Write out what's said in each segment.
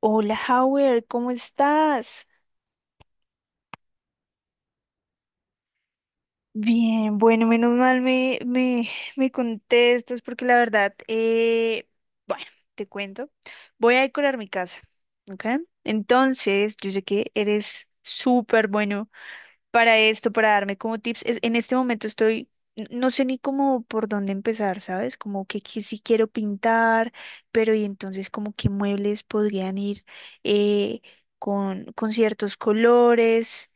Hola, Howard, ¿cómo estás? Bien, bueno, menos mal me contestas porque la verdad, bueno, te cuento, voy a decorar mi casa, ¿ok? Entonces, yo sé que eres súper bueno para esto, para darme como tips. En este momento estoy, no sé ni cómo por dónde empezar, ¿sabes? Como que sí quiero pintar, pero y entonces como que muebles podrían ir eh, con ciertos colores.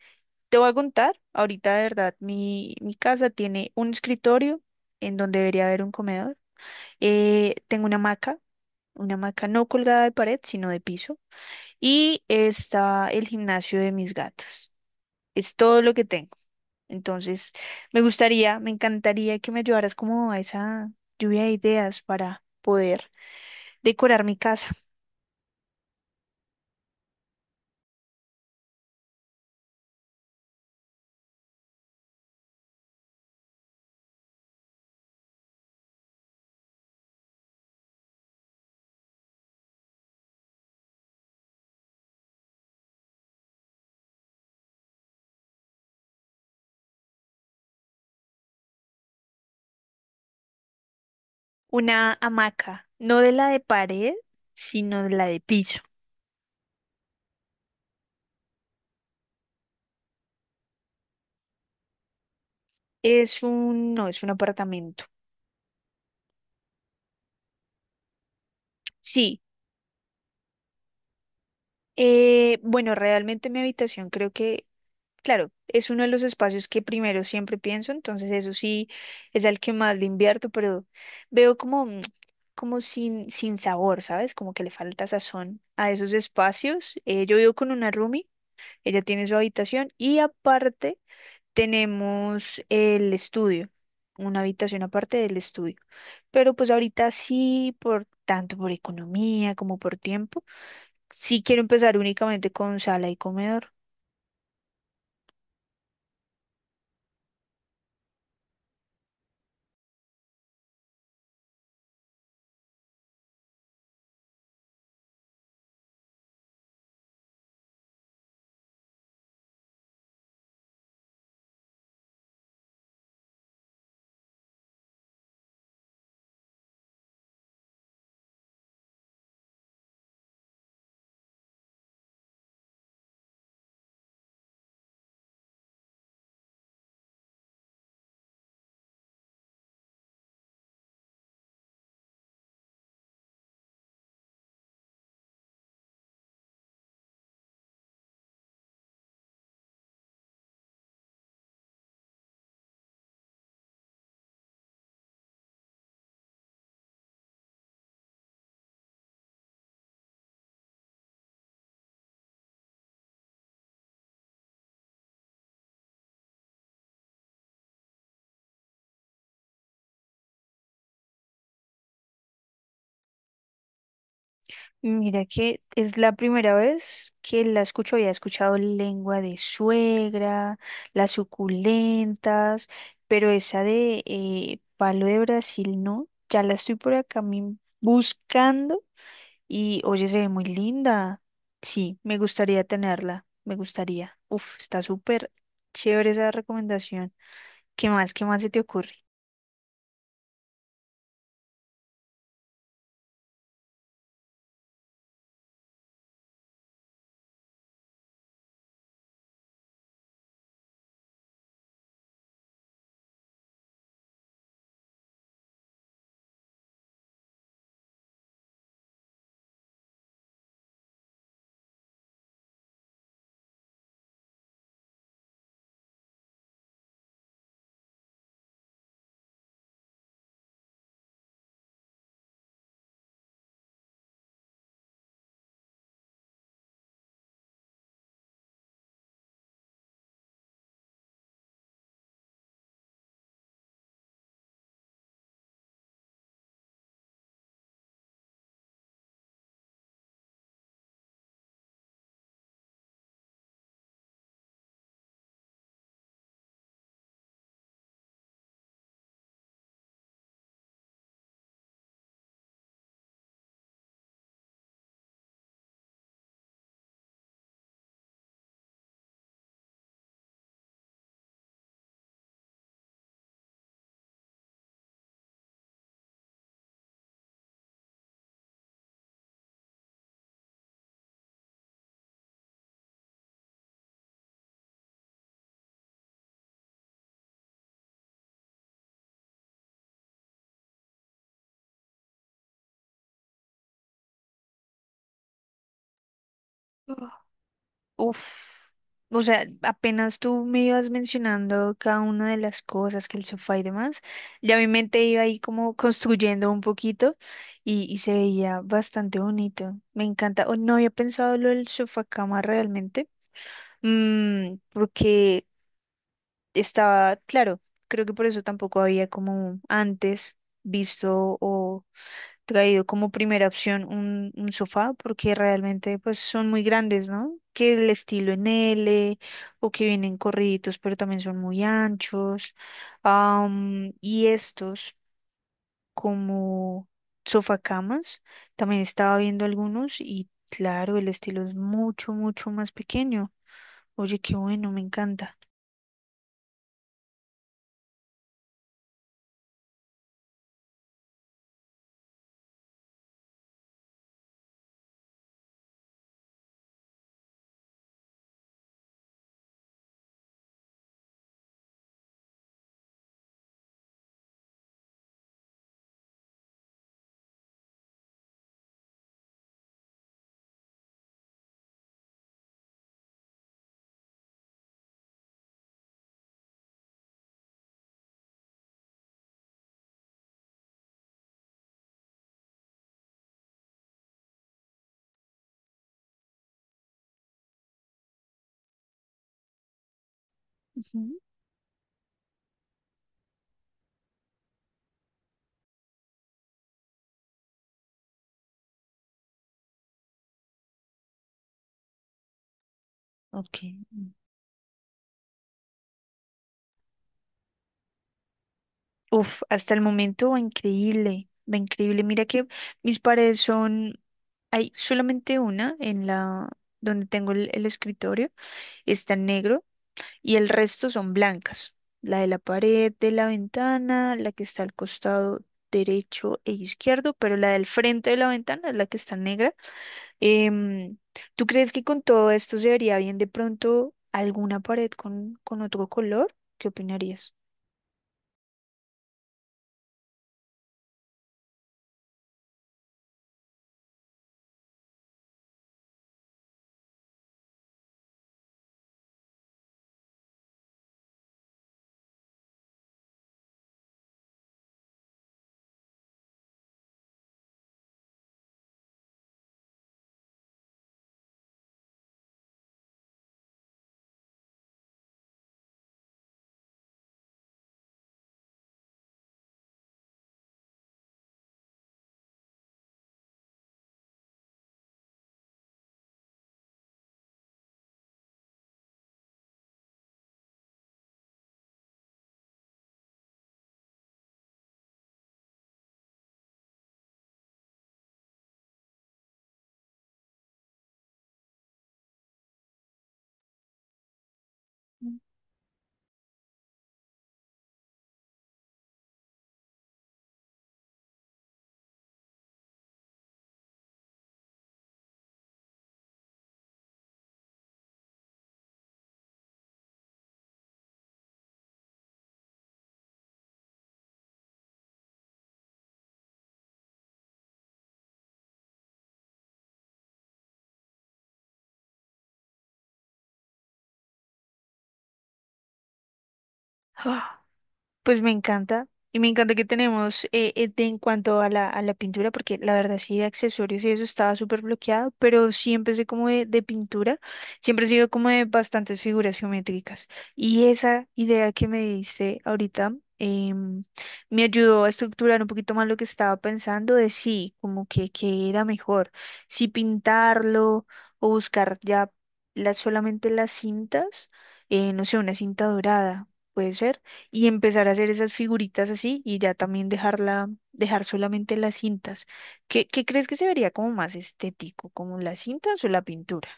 Te voy a contar, ahorita de verdad, mi casa tiene un escritorio en donde debería haber un comedor. Tengo una hamaca no colgada de pared, sino de piso. Y está el gimnasio de mis gatos. Es todo lo que tengo. Entonces, me encantaría que me ayudaras como a esa lluvia de ideas para poder decorar mi casa. Una hamaca, no de la de pared, sino de la de piso. Es un, no, es un apartamento. Sí. Bueno, realmente mi habitación creo que, claro, es uno de los espacios que primero siempre pienso, entonces eso sí es al que más le invierto, pero veo como, como sin sabor, ¿sabes? Como que le falta sazón a esos espacios. Yo vivo con una roomie, ella tiene su habitación y aparte tenemos el estudio, una habitación aparte del estudio. Pero pues ahorita sí, por tanto por economía como por tiempo sí quiero empezar únicamente con sala y comedor. Mira que es la primera vez que la escucho, había escuchado lengua de suegra, las suculentas, pero esa de palo de Brasil no, ya la estoy por acá buscando y oye, se ve muy linda. Sí, me gustaría tenerla, me gustaría. Uf, está súper chévere esa recomendación. ¿Qué más? ¿Qué más se te ocurre? Uf, o sea, apenas tú me ibas mencionando cada una de las cosas, que el sofá y demás, ya mi mente iba ahí como construyendo un poquito y se veía bastante bonito. Me encanta. Oh, no había pensado lo del sofá cama realmente, mm, porque estaba, claro, creo que por eso tampoco había como antes visto o traído como primera opción un sofá porque realmente pues son muy grandes, ¿no? Que el estilo en L o que vienen corriditos pero también son muy anchos. Am, y estos como sofacamas, también estaba viendo algunos y claro, el estilo es mucho, mucho más pequeño. Oye, qué bueno, me encanta. Ujú. Ok. Uf, hasta el momento va increíble, va increíble. Mira que mis paredes son. Hay solamente una en la donde tengo el escritorio, está en negro y el resto son blancas. La de la pared, de la ventana, la que está al costado derecho e izquierdo, pero la del frente de la ventana es la que está negra. Em, ¿tú crees que con todo esto se vería bien de pronto alguna pared con otro color? ¿Qué opinarías? Pues me encanta. Y me encanta que tenemos en cuanto a a la pintura, porque la verdad sí de accesorios y eso estaba súper bloqueado, pero sí empecé como de pintura, siempre he sido como de bastantes figuras geométricas. Y esa idea que me diste ahorita me ayudó a estructurar un poquito más lo que estaba pensando de sí, como que era mejor, si pintarlo o buscar ya solamente las cintas, no sé, una cinta dorada, puede ser y empezar a hacer esas figuritas así y ya también dejarla, dejar solamente las cintas. ¿Qué, qué crees que se vería como más estético, como las cintas o la pintura?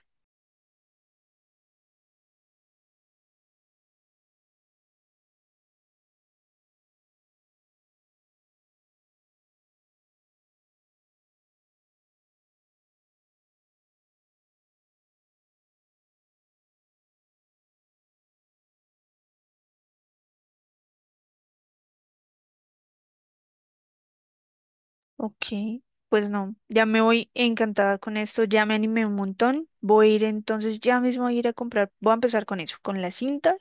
Ok, pues no, ya me voy encantada con esto, ya me animé un montón. Voy a ir entonces, ya mismo a ir a comprar, voy a empezar con eso, con las cintas.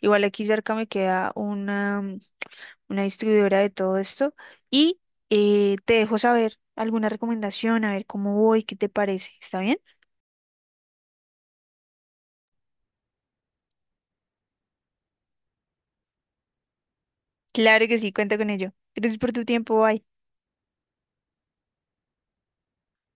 Igual aquí cerca me queda una, una distribuidora de todo esto y te dejo saber alguna recomendación, a ver cómo voy, qué te parece, ¿está bien? Claro que sí, cuenta con ello. Gracias por tu tiempo, bye.